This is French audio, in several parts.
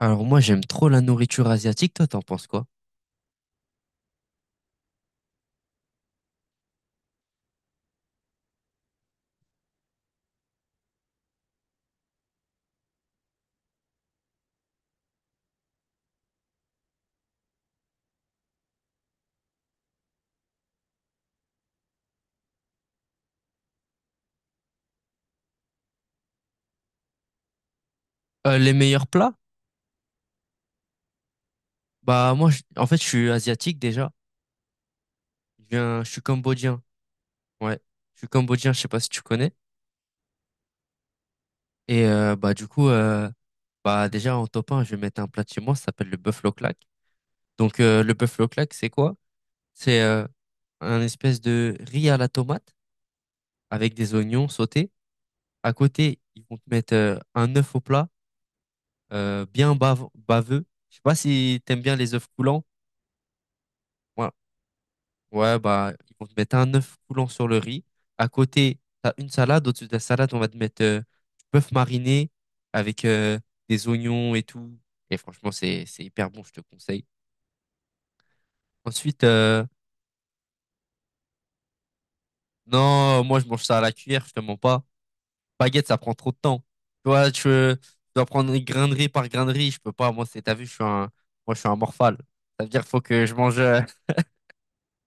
Alors moi j'aime trop la nourriture asiatique, toi t'en penses quoi? Les meilleurs plats? Bah moi en fait je suis asiatique déjà. Je viens, je suis cambodgien. Ouais, je suis cambodgien, je sais pas si tu connais. Et bah du coup bah déjà en top 1, je vais mettre un plat de chez moi, ça s'appelle le buffalo claque. Donc le buffalo claque, c'est quoi? C'est un espèce de riz à la tomate avec des oignons sautés. À côté, ils vont te mettre un œuf au plat, bien baveux. Je sais pas si t'aimes bien les œufs coulants. Ouais, bah, ils vont te mettre un œuf coulant sur le riz. À côté, t'as une salade. Au-dessus de la salade, on va te mettre du bœuf mariné avec des oignons et tout. Et franchement, c'est hyper bon, je te conseille. Ensuite, non, moi, je mange ça à la cuillère, je te mens pas. Baguette, ça prend trop de temps. Toi, tu dois prendre grain de riz par grain de riz. Je peux pas. Moi, c'est, t'as vu, je suis un morphale. Ça veut dire, faut que je mange,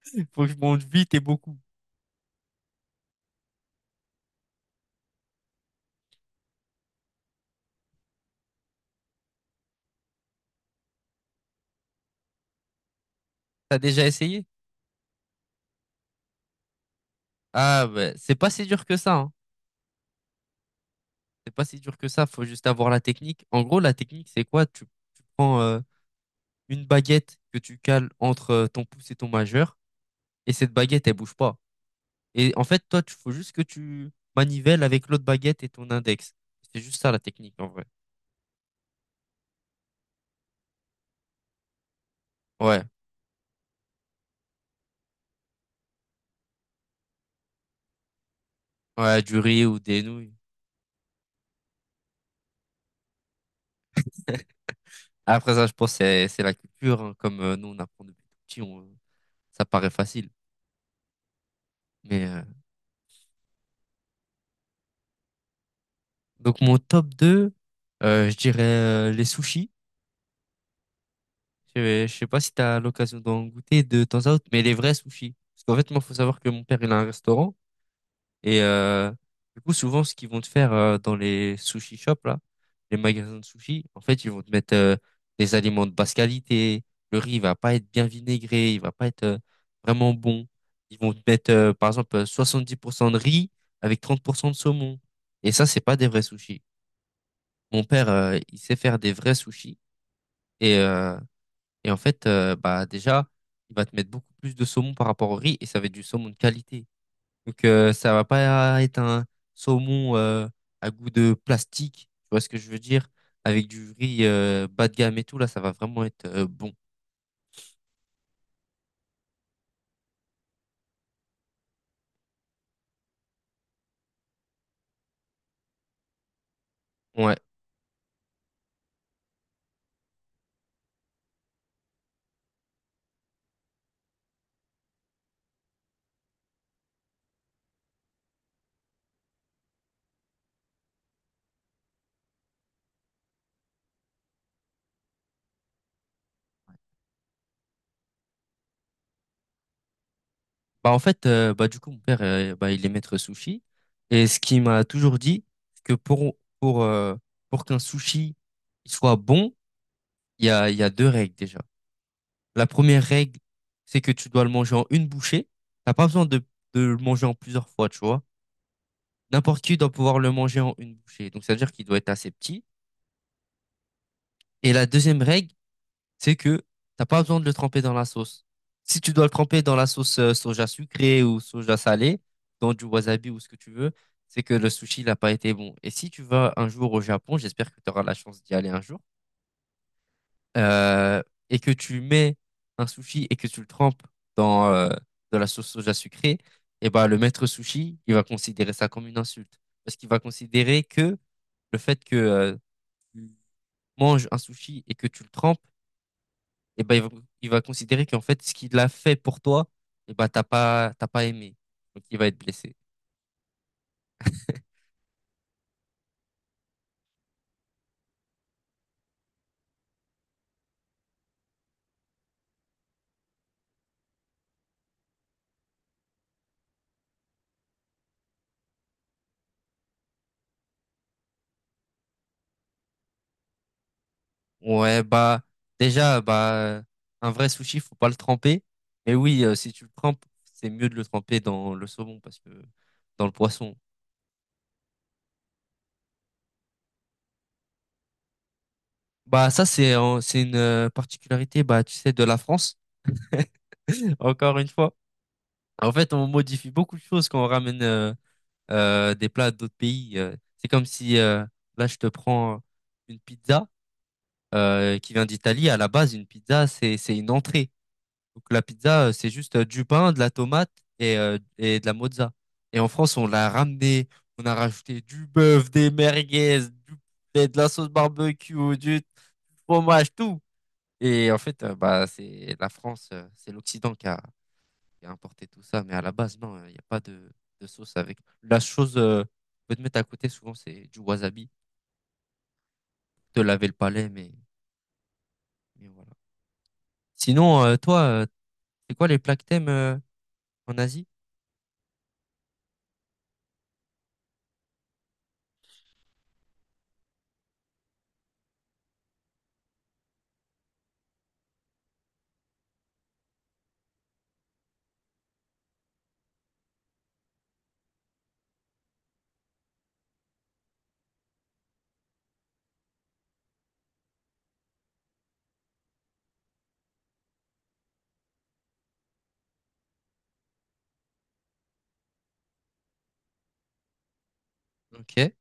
faut que je mange vite et beaucoup. T'as déjà essayé? Ah, bah, c'est pas si dur que ça, hein. C'est pas si dur que ça, faut juste avoir la technique. En gros, la technique, c'est quoi? Tu prends une baguette que tu cales entre ton pouce et ton majeur, et cette baguette, elle bouge pas. Et en fait, toi, tu faut juste que tu manivelles avec l'autre baguette et ton index. C'est juste ça la technique en vrai. Ouais, ouais, du riz ou des nouilles. Après ça, je pense que c'est la culture, hein. Comme nous, on apprend depuis tout petit, ça paraît facile. Mais donc mon top 2, je dirais les sushis. Je sais pas si tu as l'occasion d'en goûter de temps à autre, mais les vrais sushis. Parce qu'en fait, moi, faut savoir que mon père, il a un restaurant. Et du coup, souvent, ce qu'ils vont te faire dans les sushi shops, là, les magasins de sushi, en fait, ils vont te mettre des aliments de basse qualité. Le riz, il va pas être bien vinaigré, il va pas être vraiment bon. Ils vont te mettre, par exemple, 70% de riz avec 30% de saumon. Et ça, c'est pas des vrais sushis. Mon père, il sait faire des vrais sushis. Et euh, et en fait, bah déjà, il va te mettre beaucoup plus de saumon par rapport au riz et ça va être du saumon de qualité. Donc ça va pas être un saumon à goût de plastique, tu vois ce que je veux dire? Avec du riz bas de gamme et tout, là, ça va vraiment être bon. Ouais. Bah en fait, bah du coup, mon père, bah, il est maître sushi. Et ce qu'il m'a toujours dit, c'est que pour qu'un sushi il soit bon, il y a deux règles déjà. La première règle, c'est que tu dois le manger en une bouchée. T'as pas besoin de le manger en plusieurs fois, tu vois. N'importe qui doit pouvoir le manger en une bouchée. Donc, ça veut dire qu'il doit être assez petit. Et la deuxième règle, c'est que t'as pas besoin de le tremper dans la sauce. Si tu dois le tremper dans la sauce soja sucrée ou soja salée, dans du wasabi ou ce que tu veux, c'est que le sushi n'a pas été bon. Et si tu vas un jour au Japon, j'espère que tu auras la chance d'y aller un jour, euh, et que tu mets un sushi et que tu le trempes dans de la sauce soja sucrée, et ben le maître sushi, il va considérer ça comme une insulte. Parce qu'il va considérer que le fait que tu manges un sushi et que tu le trempes, et ben il va considérer qu'en fait, ce qu'il a fait pour toi, et ben t'as pas aimé. Donc il va être blessé. Ouais, bah déjà, bah un vrai sushi, faut pas le tremper. Mais oui, si tu le trempes, c'est mieux de le tremper dans le saumon parce que dans le poisson. Bah ça, c'est une particularité, bah tu sais, de la France encore une fois. En fait on modifie beaucoup de choses quand on ramène des plats d'autres pays. C'est comme si là je te prends une pizza qui vient d'Italie. À la base une pizza c'est une entrée. Donc la pizza, c'est juste du pain, de la tomate et de la mozza. Et en France on l'a ramené, on a rajouté du bœuf, des merguez, du poulet, de la sauce barbecue, du fromage, tout. Et en fait, bah, c'est la France, c'est l'Occident qui a importé tout ça. Mais à la base, non, il n'y a pas de sauce avec. La chose, qu'on peut te mettre à côté, souvent, c'est du wasabi. Te laver le palais, mais voilà. Sinon, toi, c'est quoi les plats que t'aimes en Asie? Ok.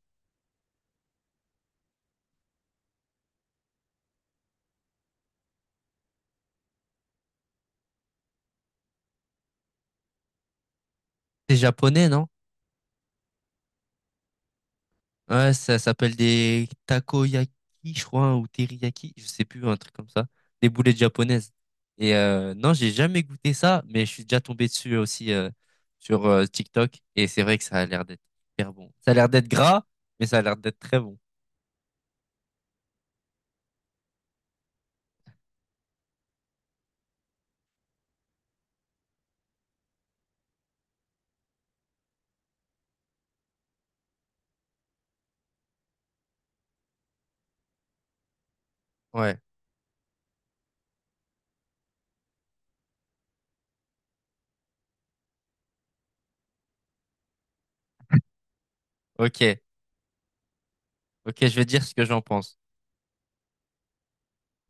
T'es japonais, non? Ouais, ça s'appelle des takoyaki, je crois, hein, ou teriyaki, je sais plus, un truc comme ça. Des boulettes japonaises. Et non, j'ai jamais goûté ça, mais je suis déjà tombé dessus aussi sur TikTok. Et c'est vrai que ça a l'air d'être hyper bon. Ça a l'air d'être gras, mais ça a l'air d'être très bon. Ouais, ok, ok, je vais dire ce que j'en pense.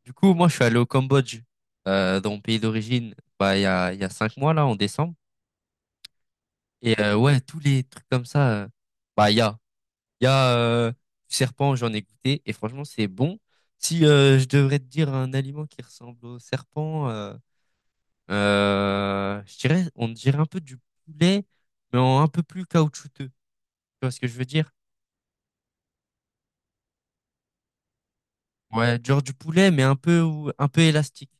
Du coup, moi, je suis allé au Cambodge, dans mon pays d'origine, bah, il y a 5 mois, là, en décembre. Et ouais, tous les trucs comme ça, bah, il y a. Il y a du serpent, j'en ai goûté et franchement, c'est bon. Si je devrais te dire un aliment qui ressemble au serpent, je dirais, on dirait un peu du poulet, mais en un peu plus caoutchouteux. Tu vois ce que je veux dire? Ouais, genre du poulet, mais un peu un peu élastique.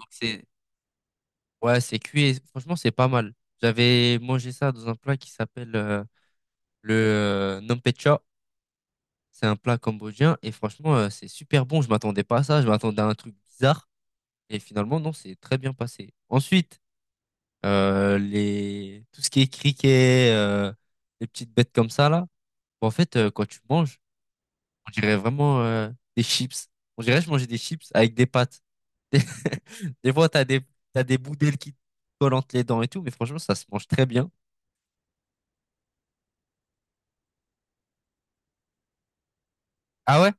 Donc c'est Ouais, c'est cuit et franchement, c'est pas mal. J'avais mangé ça dans un plat qui s'appelle le Nampecha. C'est un plat cambodgien et franchement, c'est super bon. Je m'attendais pas à ça. Je m'attendais à un truc bizarre. Et finalement, non, c'est très bien passé. Ensuite, tout ce qui est criquet, les petites bêtes comme ça, là, bon, en fait, quand tu manges, on dirait vraiment des chips. On dirait que je mangeais des chips avec des pâtes. Des, des fois, t'as des bouts d'aile qui te collent entre les dents et tout, mais franchement, ça se mange très bien. Ah ouais?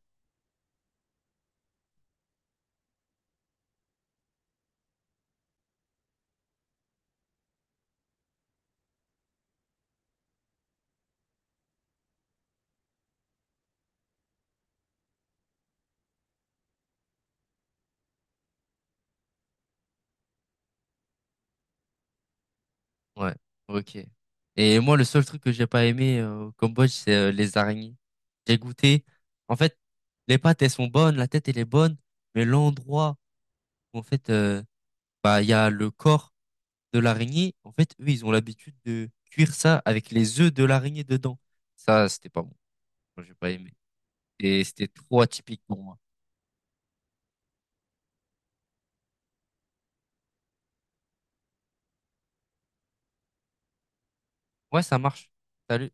Ouais, ok. Et moi, le seul truc que j'ai pas aimé au Cambodge, c'est les araignées. J'ai goûté. En fait, les pâtes, elles sont bonnes, la tête, elle est bonne, mais l'endroit où, en fait, bah, il y a le corps de l'araignée. En fait, eux, ils ont l'habitude de cuire ça avec les œufs de l'araignée dedans. Ça, c'était pas bon. Moi, j'ai pas aimé. Et c'était trop atypique pour moi. Ouais, ça marche. Salut.